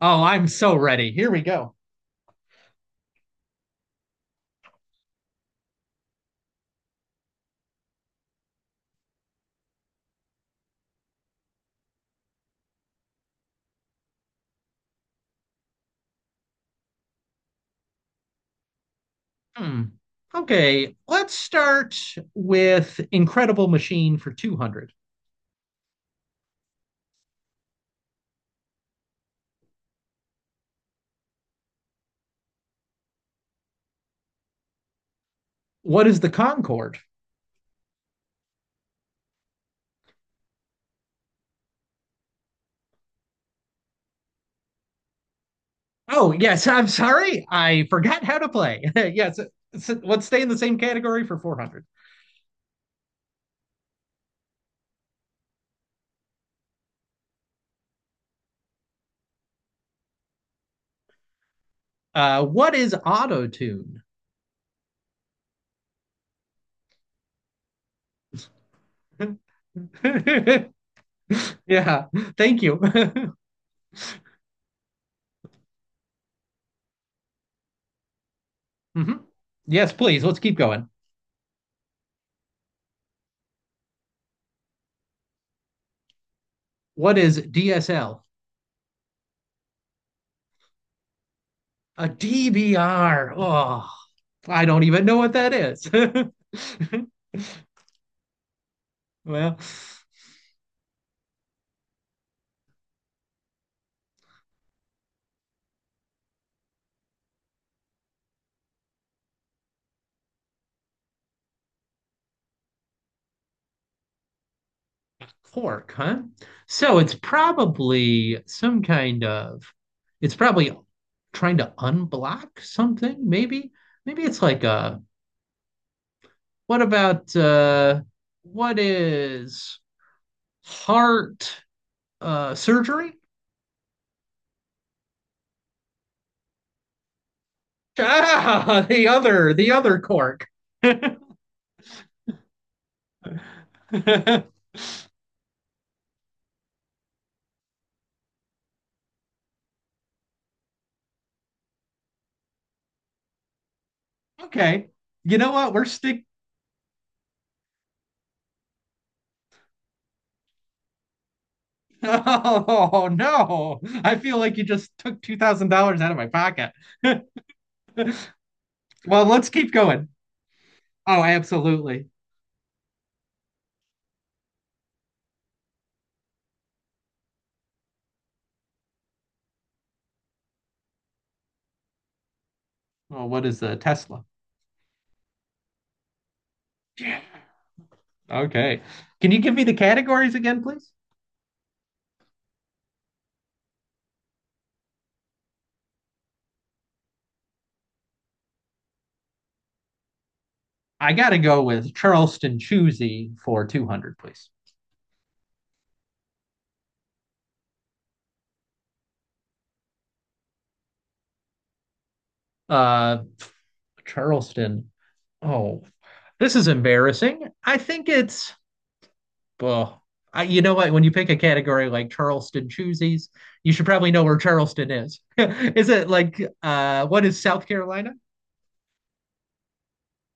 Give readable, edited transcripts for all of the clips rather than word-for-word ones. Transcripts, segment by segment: Oh, I'm so ready. Here we go. Hmm. Okay, let's start with Incredible Machine for 200. What is the Concorde? Oh, yes, I'm sorry. I forgot how to play. Yes, let's stay in the same category for 400. What is auto tune? Yeah, thank you. Mhm. Yes, please. Let's keep going. What is DSL? a DVR. Oh, I don't even know what that is. Well, cork, huh? So it's probably some kind of, it's probably trying to unblock something, maybe. Maybe it's like a, what about, what is heart, surgery? Ah, the other cork. Okay. You know what? We're stick. Oh, no. I feel like you just took $2,000 out of my pocket. Well, let's keep going. Oh, absolutely. Oh, what is a Tesla? Yeah. Okay. Can you give me the categories again, please? I got to go with Charleston Choosy for 200, please. Uh, Charleston. Oh, this is embarrassing. I think it's, well, I, you know what? When you pick a category like Charleston Choosies, you should probably know where Charleston is. Is it like, what is South Carolina?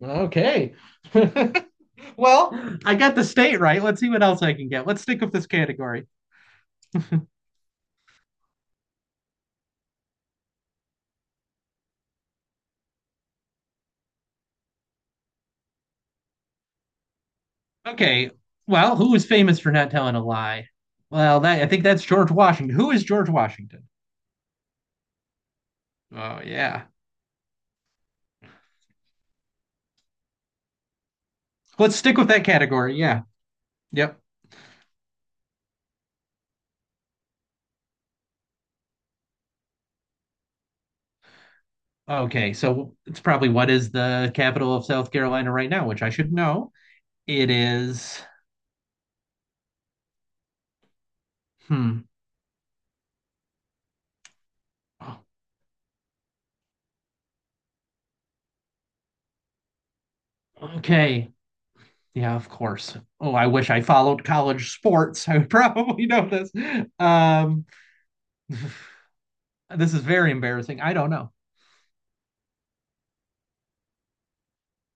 Okay. Well, I got the state right. Let's see what else I can get. Let's stick with this category. Okay. Well, who is famous for not telling a lie? Well, that I think that's George Washington. Who is George Washington? Oh, yeah. Let's stick with that category. Yeah. Yep. Okay. So it's probably what is the capital of South Carolina right now, which I should know. It is. Hmm. Okay. Yeah, of course. Oh, I wish I followed college sports. I would probably know this. Um, this is very embarrassing. I don't know.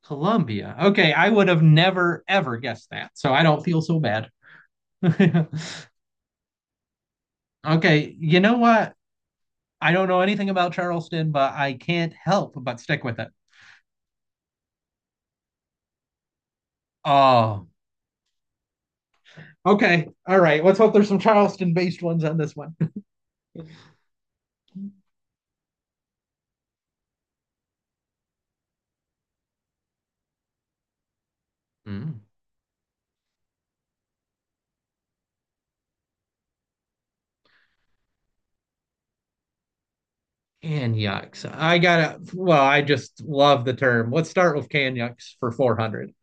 Colombia. Okay, I would have never ever guessed that. So I don't feel so bad. Okay, you know what? I don't know anything about Charleston, but I can't help but stick with it. Oh, okay. All right. Let's hope there's some Charleston-based ones on this one. Mm. Canyucks. I gotta, well, I just love the term. Let's start with Canyucks for 400.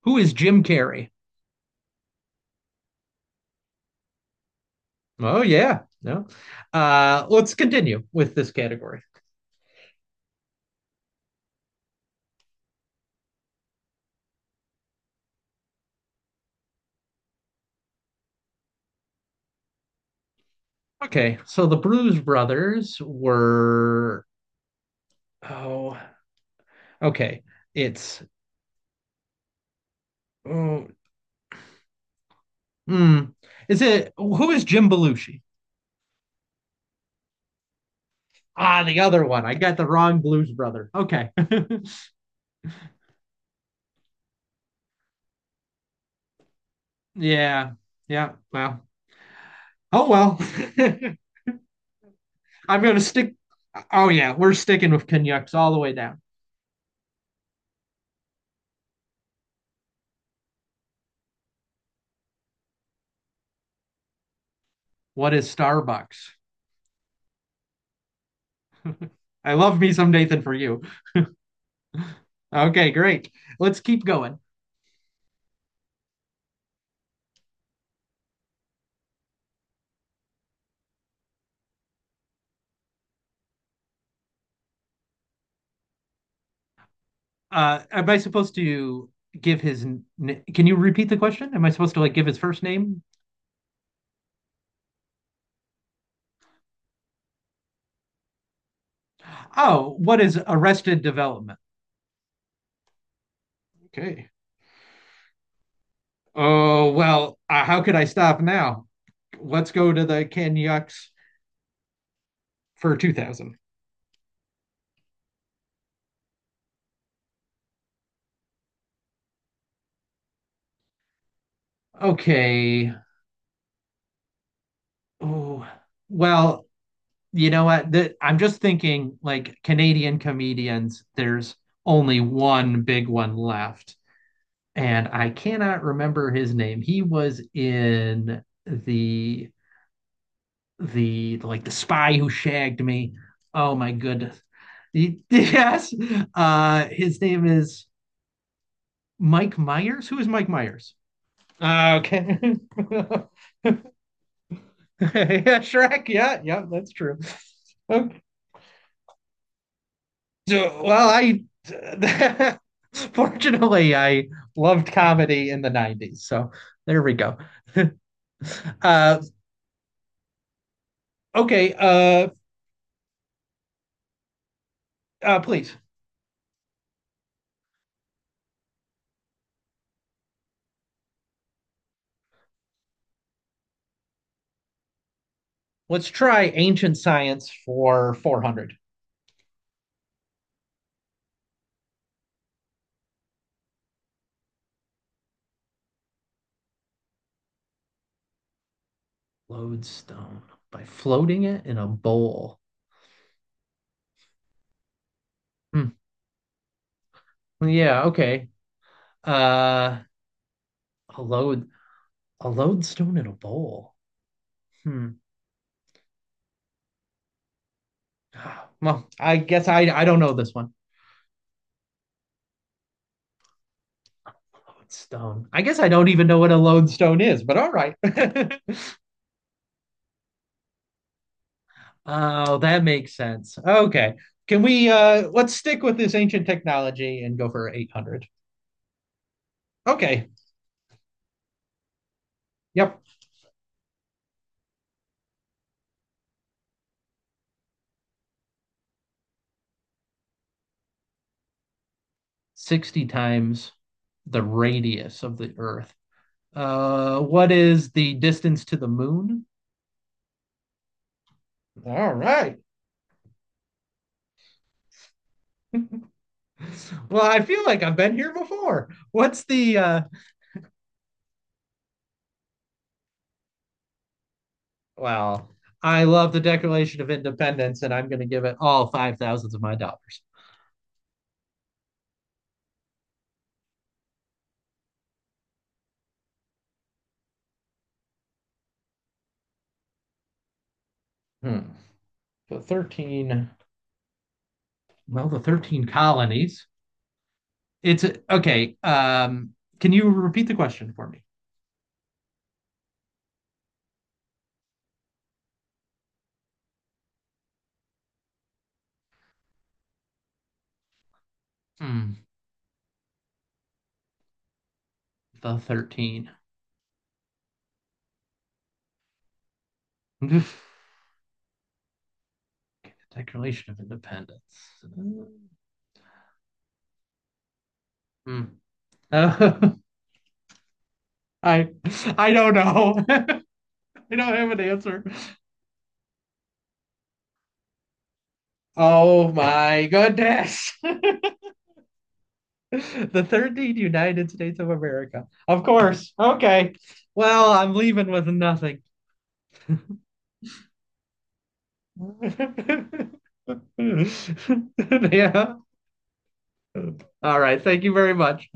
Who is Jim Carrey? Oh, yeah. No. Let's continue with this category. Okay, so the Blues Brothers were. Oh, okay. It's. Oh. Hmm. Is it who is Jim Belushi? Ah, the other one. I got the wrong Blues Brother. Okay. Yeah. Yeah. Well. Oh, well. I'm gonna stick. Oh, yeah, we're sticking with Canucks all the way down. What is Starbucks? I love me some Nathan for you. Okay, great. Let's keep going. Am I supposed to give his? Can you repeat the question? Am I supposed to like give his first name? Oh, what is Arrested Development? Okay. Oh, well, how could I stop now? Let's go to the Canyucks for 2,000. Okay. Oh, well, you know what? I'm just thinking like Canadian comedians. There's only one big one left, and I cannot remember his name. He was in the, like, the spy who shagged me. Oh my goodness. Yes. His name is Mike Myers. Who is Mike Myers? Okay. Yeah, Shrek. Yeah, yeah, that's true. Okay. So, well, I fortunately I loved comedy in the 90s. So there we go. uh, okay, please. Let's try ancient science for 400. Lodestone by floating it in a bowl. Hmm. Yeah, okay. Uh, a load a lodestone in a bowl. Hmm. Well, I guess I don't know this one. Lodestone. I guess I don't even know what a lodestone is, but all right. Oh, that makes sense. Okay. Can we Let's stick with this ancient technology and go for 800. Okay. Yep. 60 times the radius of the earth. What is the distance to the moon? All right. Well, I feel like I've been here before. What's the Well, I love the Declaration of Independence and I'm going to give it all 5 thousands of my dollars. Hmm. The 13. Well, the 13 colonies. It's okay. Can you repeat the question for me? Hmm, the 13. Declaration of Independence. Hmm. Uh, I I don't know. I don't have an answer. Oh my goodness. The 13 United States of America. Of course. Okay. Well, I'm leaving with nothing. Yeah. All right. Thank you very much.